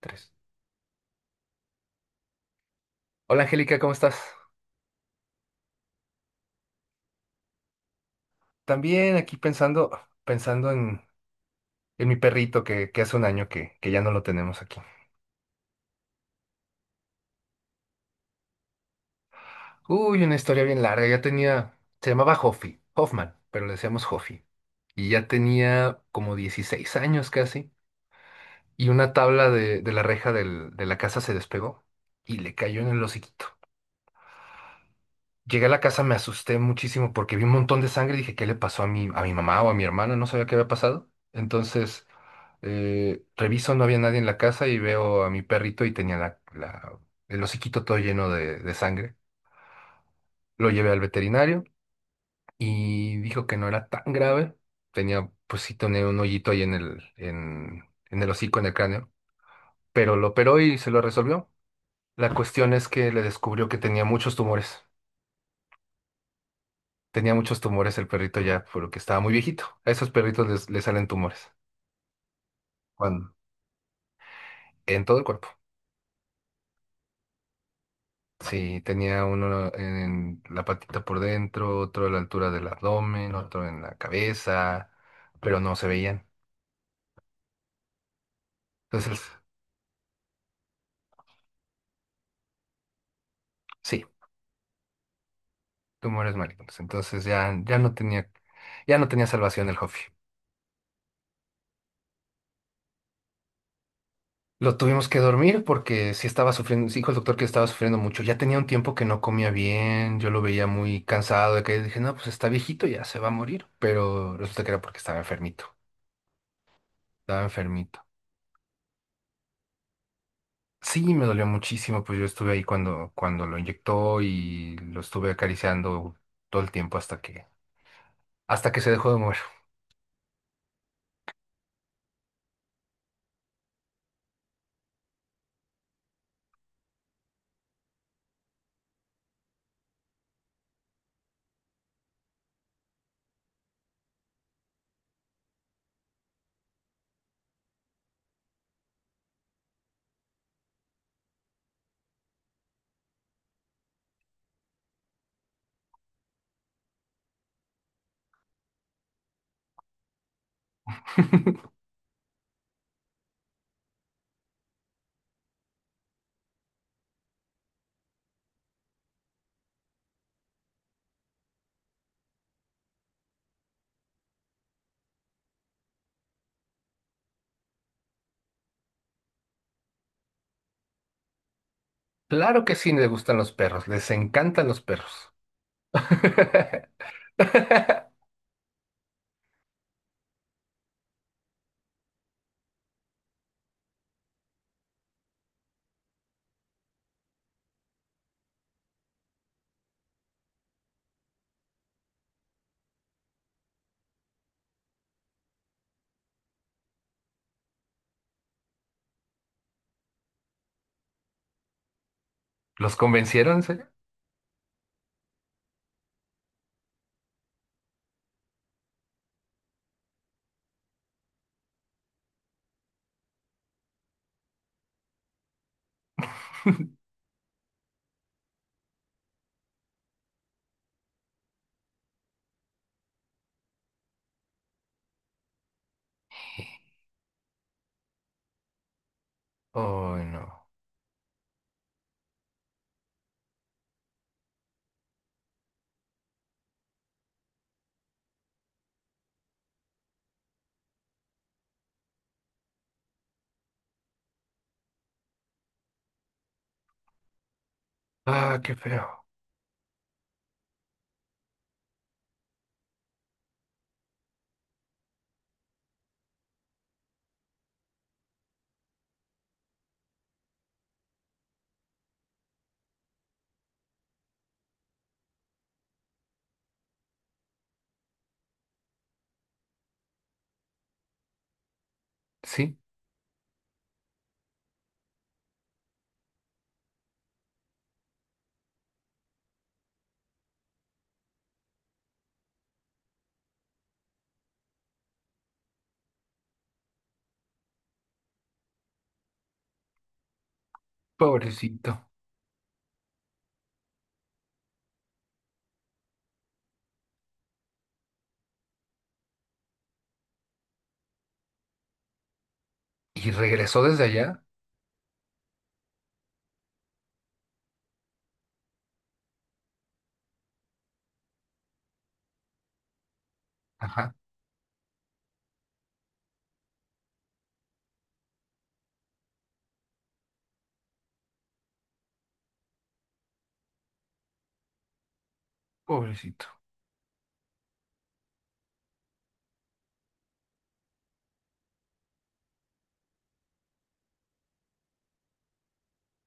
Tres. Hola Angélica, ¿cómo estás? También aquí pensando, pensando en, en mi perrito que hace un año que ya no lo tenemos aquí. Uy, una historia bien larga. Ya tenía, se llamaba Hoffy, Hoffman, pero le decíamos Hoffy. Y ya tenía como 16 años casi. Y una tabla de la reja de la casa se despegó y le cayó en el hociquito. Llegué a la casa, me asusté muchísimo porque vi un montón de sangre y dije, ¿qué le pasó a a mi mamá o a mi hermana? No sabía qué había pasado. Entonces, reviso, no había nadie en la casa y veo a mi perrito y tenía el hociquito todo lleno de sangre. Lo llevé al veterinario y dijo que no era tan grave. Tenía, pues sí, tenía un hoyito ahí en en el hocico, en el cráneo, pero lo operó y se lo resolvió. La cuestión es que le descubrió que tenía muchos tumores. Tenía muchos tumores el perrito ya, porque estaba muy viejito. A esos perritos les salen tumores. ¿Cuándo? En todo el cuerpo. Sí, tenía uno en la patita por dentro, otro a la altura del abdomen, otro en la cabeza, pero no se veían. Entonces, sí, tumores malignos. Entonces ya no tenía salvación el Jofi. Lo tuvimos que dormir porque sí estaba sufriendo, sí dijo el doctor que estaba sufriendo mucho. Ya tenía un tiempo que no comía bien, yo lo veía muy cansado de que dije, no, pues está viejito, ya se va a morir. Pero resulta que era porque estaba enfermito, estaba enfermito. Sí, me dolió muchísimo, pues yo estuve ahí cuando lo inyectó y lo estuve acariciando todo el tiempo hasta que se dejó de mover. Claro que sí, le gustan los perros, les encantan los perros. ¿Los convencieron, en serio? Oh, no. Ah, qué feo. Sí, pobrecito. Y regresó desde allá. Ajá, pobrecito.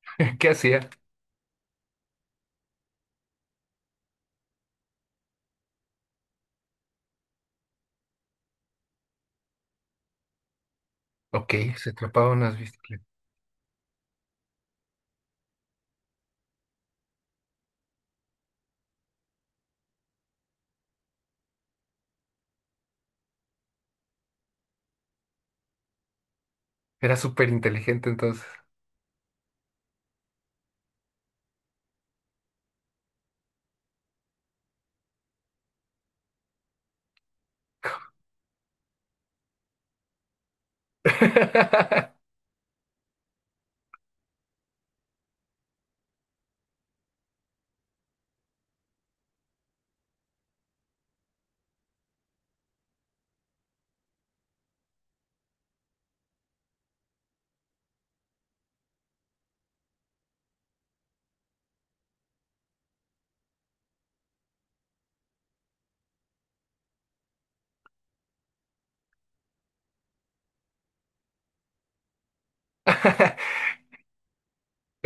¿Qué hacía? Ok, se atrapaba unas bicicletas. Era súper inteligente entonces.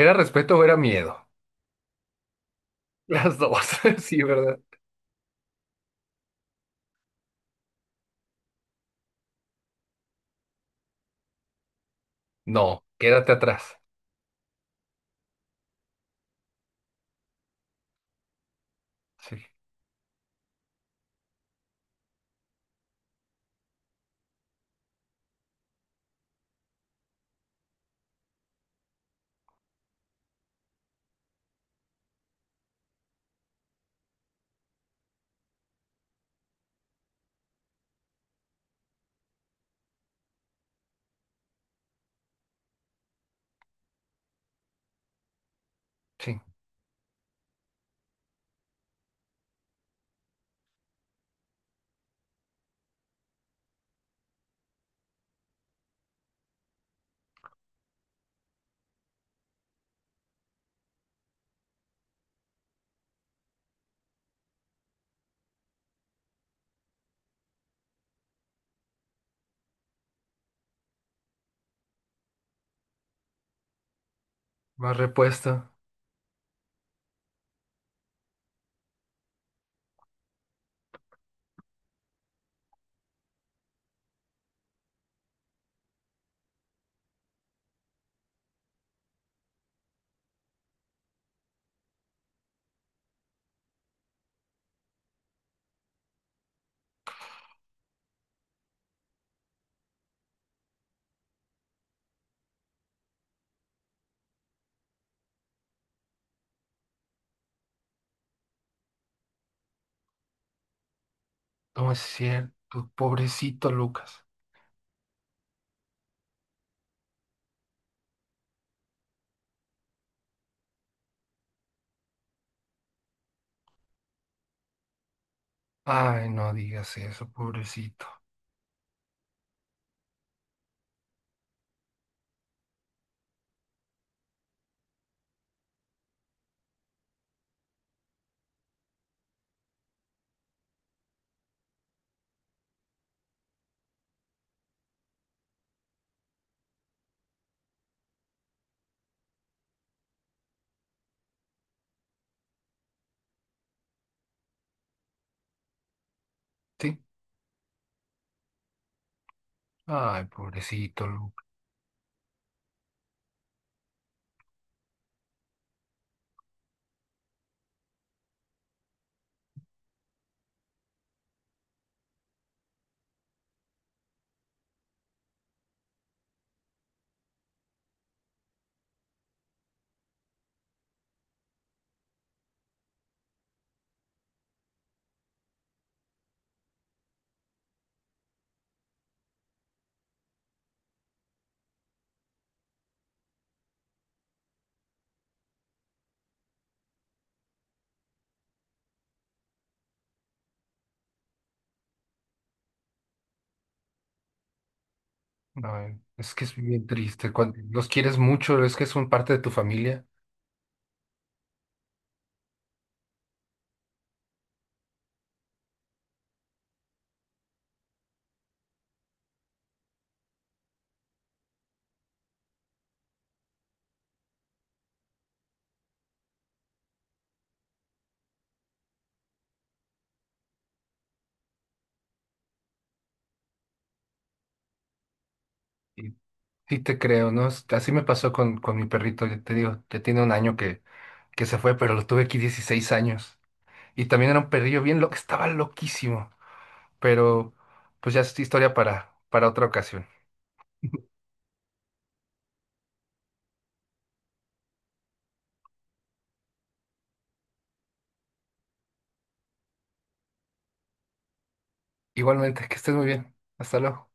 ¿Era respeto o era miedo? Las dos, sí, ¿verdad? No, quédate atrás. Sí, sí. Más repuesto. No es cierto, pobrecito Lucas. Ay, no digas eso, pobrecito. Sí. Ay, pobrecito Lucas. Ay, es que es bien triste. Cuando los quieres mucho, es que son parte de tu familia. Y sí te creo, ¿no? Es- Así me pasó con mi perrito, ya te digo, ya tiene un año que se fue, pero lo tuve aquí 16 años. Y también era un perrillo bien loco, estaba loquísimo. Pero pues ya es historia para otra ocasión. Igualmente, que estés muy bien. Hasta luego.